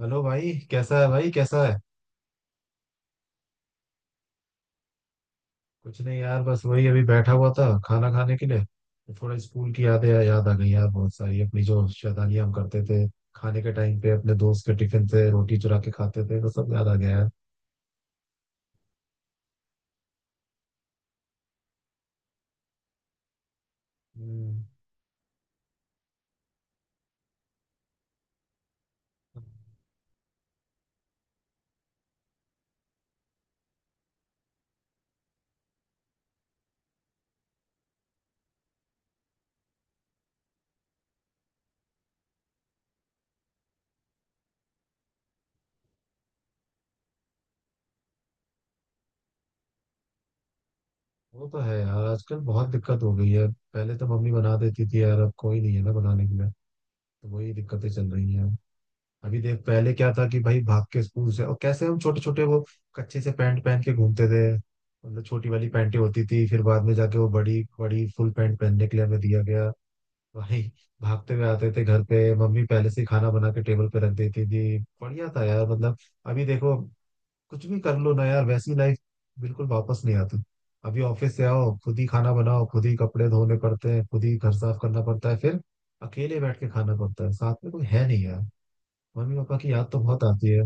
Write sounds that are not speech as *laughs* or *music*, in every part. Hello भाई, कैसा है भाई, कैसा है? कुछ नहीं यार, बस वही अभी बैठा हुआ था खाना खाने के लिए तो थोड़ा स्कूल की यादें याद आ गई यार। बहुत सारी अपनी जो शैतानियां हम करते थे खाने के टाइम पे, अपने दोस्त के टिफिन से रोटी चुरा के खाते थे, वो सब याद आ गया यार। हम्म, वो तो है यार, आजकल बहुत दिक्कत हो गई है। पहले तो मम्मी बना देती थी यार, अब कोई नहीं है ना बनाने के लिए, तो वही दिक्कतें चल रही हैं। अभी देख, पहले क्या था कि भाई भाग के स्कूल से, और कैसे हम छोटे छोटे वो कच्चे से पैंट पहन के घूमते थे, मतलब छोटी वाली पैंटें होती थी। फिर बाद में जाके वो बड़ी बड़ी फुल पैंट पहनने के लिए हमें दिया गया भाई। भागते हुए आते थे घर पे, मम्मी पहले से ही खाना बना के टेबल पे रख देती थी, बढ़िया था यार मतलब। अभी देखो कुछ भी कर लो ना यार, वैसी लाइफ बिल्कुल वापस नहीं आती। अभी ऑफिस से आओ, खुद ही खाना बनाओ, खुद ही कपड़े धोने पड़ते हैं, खुद ही घर साफ करना पड़ता है, फिर अकेले बैठ के खाना पड़ता है, साथ में कोई है नहीं यार। मम्मी पापा की याद तो बहुत आती है।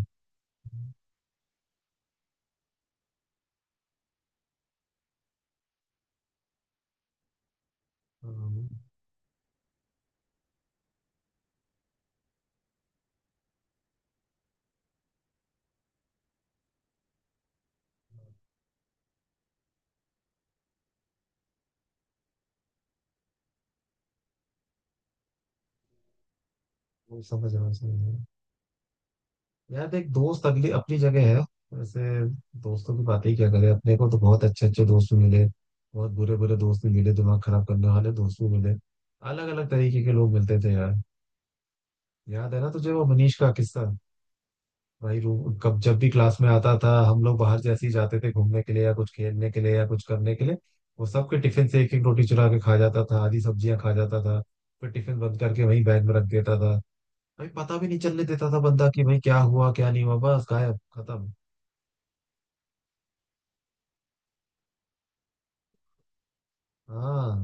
हाँ, वो समझ रहा हूँ, समझ रहा हूँ। यार एक दोस्त अगली अपनी जगह है। वैसे दोस्तों की बात ही क्या करें, अपने को तो बहुत अच्छे अच्छे दोस्त भी मिले, बहुत बुरे बुरे दोस्त भी मिले, दिमाग खराब करने वाले दोस्त भी मिले। अलग अलग तरीके के लोग मिलते थे यार। याद है ना तुझे वो मनीष का किस्सा? भाई रू कब जब भी क्लास में आता था, हम लोग बाहर जैसे ही जाते थे घूमने के लिए या कुछ खेलने के लिए या कुछ करने के लिए, वो सबके टिफिन से एक एक रोटी चुरा के खा जाता था, आधी सब्जियां खा जाता था, फिर टिफिन बंद करके वहीं बैग में रख देता था। भाई पता भी नहीं चलने देता था बंदा कि भाई क्या हुआ क्या नहीं हुआ, बस गायब, खत्म। हाँ,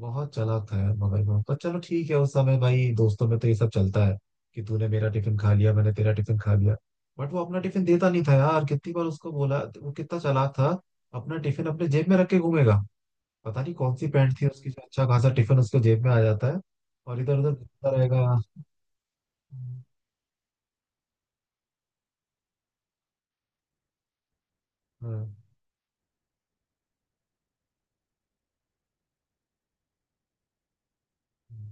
बहुत चालाक था यार, मगर वो, पर चलो ठीक है, उस समय भाई दोस्तों में तो ये सब चलता है कि तूने मेरा टिफिन खा लिया, मैंने तेरा टिफिन खा लिया। बट वो अपना टिफिन देता नहीं था यार, कितनी बार उसको बोला। वो कितना चालाक था, अपना टिफिन अपने जेब में रख के घूमेगा। पता नहीं कौन सी पैंट थी उसकी जो अच्छा खासा टिफिन उसके जेब में आ जाता है, और इधर उधर घूमता रहेगा। हाँ, हाँ, हाँ,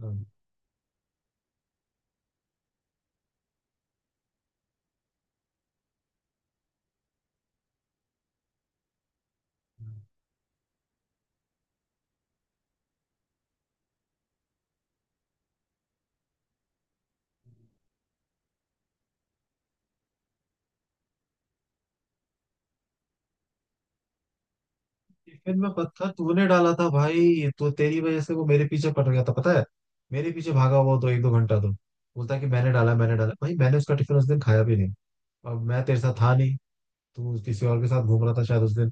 हाँ। हाँ। टिफिन में पत्थर तूने डाला था भाई, तो तेरी वजह से वो मेरे पीछे पड़ गया था पता है। मेरे पीछे भागा हुआ तो एक दो घंटा, तो बोलता है कि मैंने डाला मैंने डाला। भाई मैंने उसका टिफिन उस दिन खाया भी नहीं, और मैं तेरे साथ था नहीं। तू किसी और के साथ घूम रहा था शायद उस दिन।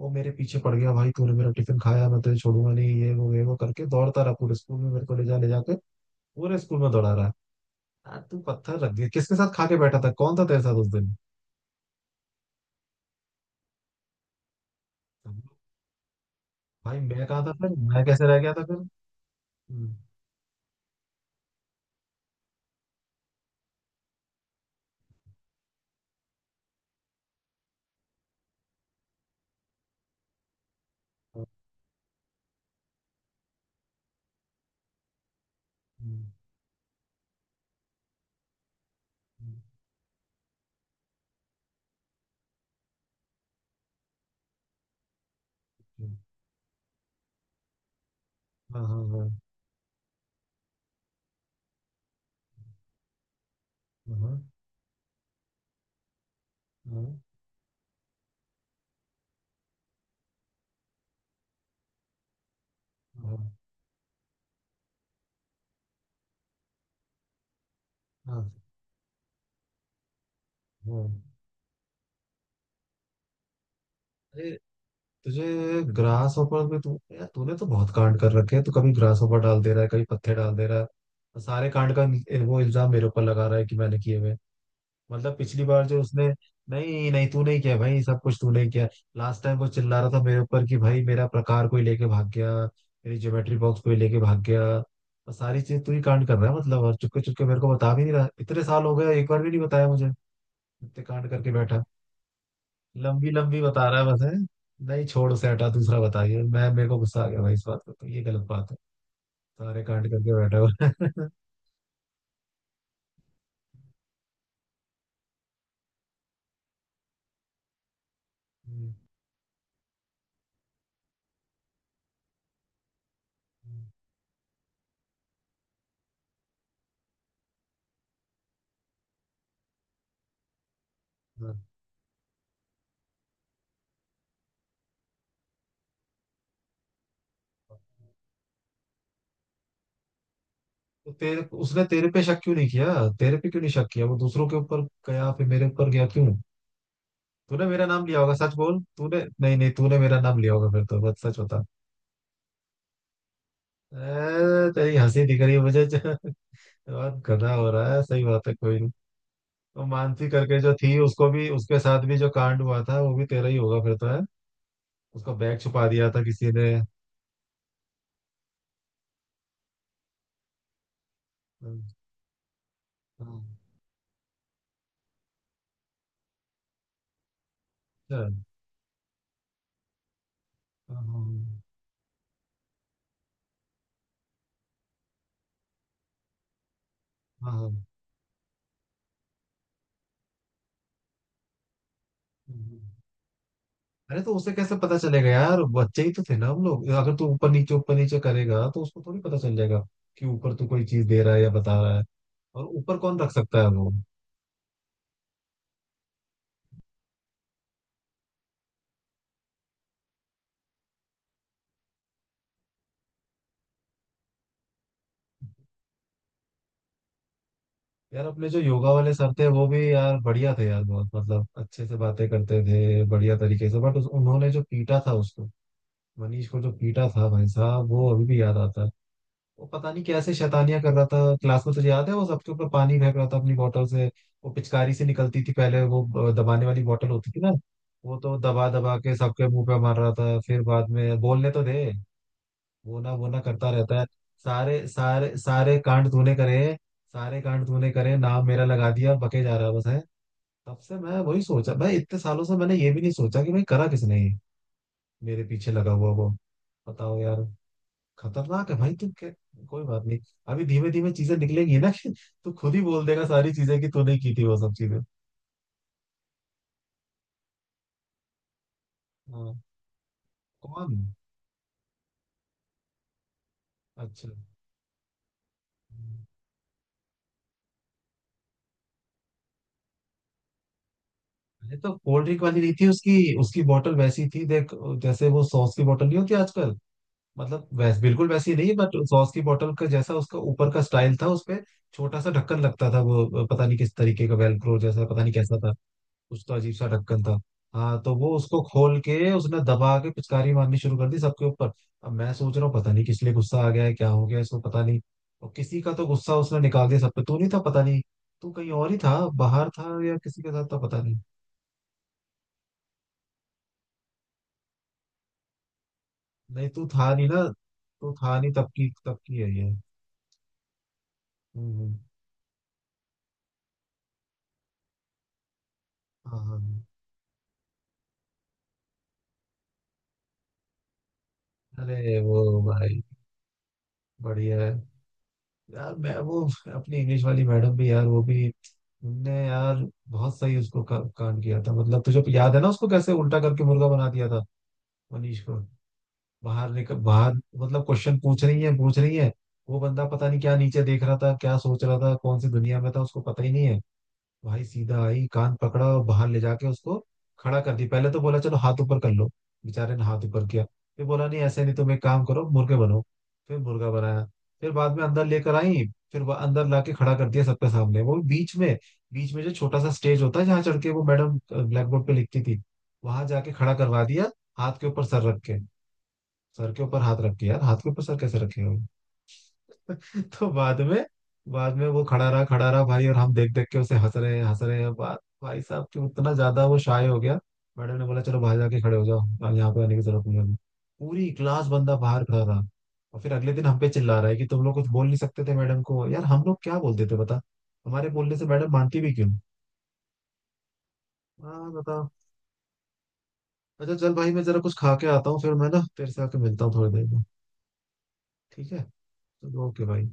वो मेरे पीछे पड़ गया भाई, तूने मेरा टिफिन खाया, मैं तुझे छोड़ूंगा नहीं, ये वो ये वो करके दौड़ता रहा पूरे स्कूल में, मेरे को ले जा ले जाके पूरे स्कूल में दौड़ा रहा। यार तू पत्थर रख दिया, किसके साथ खा के बैठा था, कौन था तेरे साथ उस दिन? भाई मैं कहाँ था फिर, मैं कैसे रह गया था फिर? हम्म, हम्म, हम्म, हम्म, हाँ हाँ हाँ, हाँ, हाँ, हाँ, हाँ। हाँ। अरे तुझे ग्रास हॉपर पे तू यार तूने तो बहुत कांड कर रखे हैं। तू कभी ग्रास हॉपर डाल दे रहा है, कभी पत्ते डाल दे रहा है, और सारे कांड का वो इल्जाम मेरे ऊपर लगा रहा है कि मैंने किए हुए, मतलब पिछली बार जो उसने। नहीं नहीं, तू नहीं किया भाई, सब कुछ तू नहीं किया। लास्ट टाइम वो चिल्ला रहा था मेरे ऊपर कि भाई मेरा प्रकार कोई लेके भाग गया, मेरी ज्योमेट्री बॉक्स कोई लेके भाग गया, और सारी चीज तू ही कांड कर रहा है मतलब, और चुपके चुपके मेरे को बता भी नहीं रहा। इतने साल हो गए, एक बार भी नहीं बताया मुझे, इतने कांड करके बैठा है, लंबी लंबी बता रहा है बस है। नहीं छोड़ उसे, हटा, दूसरा बताइए, मैं, मेरे को गुस्सा आ गया भाई इस बात पे, तो ये गलत बात है। सारे कांड करके बैठा हुआ है। *laughs* हम्म, हम्म, हाँ। तो तेरे उसने तेरे पे शक क्यों नहीं किया? तेरे पे क्यों नहीं शक किया, वो दूसरों के ऊपर गया, फिर मेरे ऊपर गया क्यों? तूने मेरा नाम लिया होगा, सच बोल, तूने, नहीं नहीं, तूने मेरा नाम लिया होगा फिर तो, बस सच बता। ए, तेरी हंसी दिख रही है मुझे। *laughs* बहुत गधा हो रहा है, सही बात है, कोई नहीं। तो मानसी करके जो थी, उसको भी, उसके साथ भी जो कांड हुआ था, वो भी तेरा ही होगा फिर तो है। उसका बैग छुपा दिया था किसी ने। अच्छा। हाँ हाँ हाँ, हाँ। हम्म। अरे तो उसे कैसे पता चलेगा यार, बच्चे ही तो थे ना हम लोग। अगर तू ऊपर नीचे करेगा तो उसको थोड़ी पता चल जाएगा कि ऊपर तू कोई चीज दे रहा है या बता रहा है, और ऊपर कौन रख सकता है वो। यार अपने जो योगा वाले सर थे, वो भी यार बढ़िया थे यार, बहुत मतलब अच्छे से बातें करते थे, बढ़िया तरीके से, बट उन्होंने जो पीटा था उसको, मनीष को जो पीटा था भाई साहब, वो अभी भी याद आता है। वो पता नहीं कैसे शैतानियां कर रहा था क्लास में, तुझे याद है? वो सबके ऊपर पानी फेंक रहा था अपनी बोतल से। वो पिचकारी से निकलती थी पहले वो, दबाने वाली बोतल होती थी ना, वो तो दबा दबा के सबके मुंह पे मार रहा था। फिर बाद में बोलने तो दे, वो ना करता रहता है। सारे सारे सारे कांड तूने करे, सारे कांड तूने करे, नाम मेरा लगा दिया, बके जा रहा है बस है। तब से मैं वही सोचा भाई, इतने सालों से मैंने ये भी नहीं सोचा कि भाई करा किसने ये, मेरे पीछे लगा हुआ वो। बताओ यार, खतरनाक है भाई तू क्या। कोई बात नहीं, अभी धीमे धीमे चीजें निकलेंगी ना। *laughs* तू खुद ही बोल देगा सारी चीजें कि तूने की थी वो सब चीजें। हाँ। कौन? अच्छा। अरे तो कोल्ड ड्रिंक वाली नहीं थी उसकी? उसकी बोतल वैसी थी देख, जैसे वो सॉस की बोतल नहीं होती आजकल, मतलब वैस बिल्कुल वैसी नहीं, बट सॉस की बोतल का जैसा उसका ऊपर का स्टाइल था उसपे। छोटा सा ढक्कन लगता था, वो पता नहीं किस तरीके का, वेलक्रो जैसा, पता नहीं कैसा था, उसका अजीब सा ढक्कन था। हाँ तो वो उसको खोल के उसने दबा के पिचकारी मारनी शुरू कर दी सबके ऊपर। अब मैं सोच रहा हूँ पता नहीं किस लिए गुस्सा आ गया है, क्या हो गया इसको पता नहीं, और किसी का तो गुस्सा उसने निकाल दिया सब पे। तू नहीं था पता नहीं, तू कहीं और ही था, बाहर था या किसी के साथ था पता नहीं। नहीं तू था नहीं ना, तू था नहीं, तब की है ये। हम्म, हाँ हाँ हाँ। अरे वो भाई बढ़िया है। यार मैं वो अपनी इंग्लिश वाली मैडम भी यार, वो भी उनने यार बहुत सही उसको कांड किया था, मतलब तुझे याद है ना उसको कैसे उल्टा करके मुर्गा बना दिया था मनीष को? बाहर निकल बाहर, मतलब क्वेश्चन पूछ रही है, पूछ रही है, वो बंदा पता नहीं क्या नीचे देख रहा था, क्या सोच रहा था, कौन सी दुनिया में था, उसको पता ही नहीं है। भाई सीधा आई, कान पकड़ा और बाहर ले जाके उसको खड़ा कर दी। पहले तो बोला चलो हाथ ऊपर कर लो, बेचारे ने हाथ ऊपर किया, फिर बोला नहीं ऐसे नहीं, तुम एक काम करो मुर्गे बनो, फिर मुर्गा बनाया। फिर बाद में अंदर लेकर आई, फिर वह अंदर लाके खड़ा कर दिया सबके सामने, वो भी बीच में, बीच में जो छोटा सा स्टेज होता है जहाँ चढ़ के वो मैडम ब्लैक बोर्ड पे लिखती थी, वहां जाके खड़ा करवा दिया। हाथ के ऊपर सर रख के, सर के ऊपर हाथ रख के, यार हाथ के ऊपर सर कैसे रखेगा। तो बाद में वो खड़ा रहा भाई, और हम देख देख के उसे हंस रहे हैं हंस रहे हैं, बात भाई साहब कि उतना ज्यादा वो शाय हो गया। मैडम ने बोला चलो बाहर जाके खड़े हो जाओ, यहाँ यहाँ पे आने की जरूरत नहीं है। पूरी क्लास बंदा बाहर खड़ा रहा। और फिर अगले दिन हम पे चिल्ला रहा है कि तुम लोग कुछ बोल नहीं सकते थे मैडम को। यार हम लोग क्या बोलते थे बता, हमारे बोलने से मैडम मानती भी क्यों। हाँ बताओ। अच्छा चल भाई, मैं जरा कुछ खा के आता हूँ, फिर मैं ना तेरे से आके मिलता हूँ थोड़ी देर में। ठीक है, चलो ओके भाई।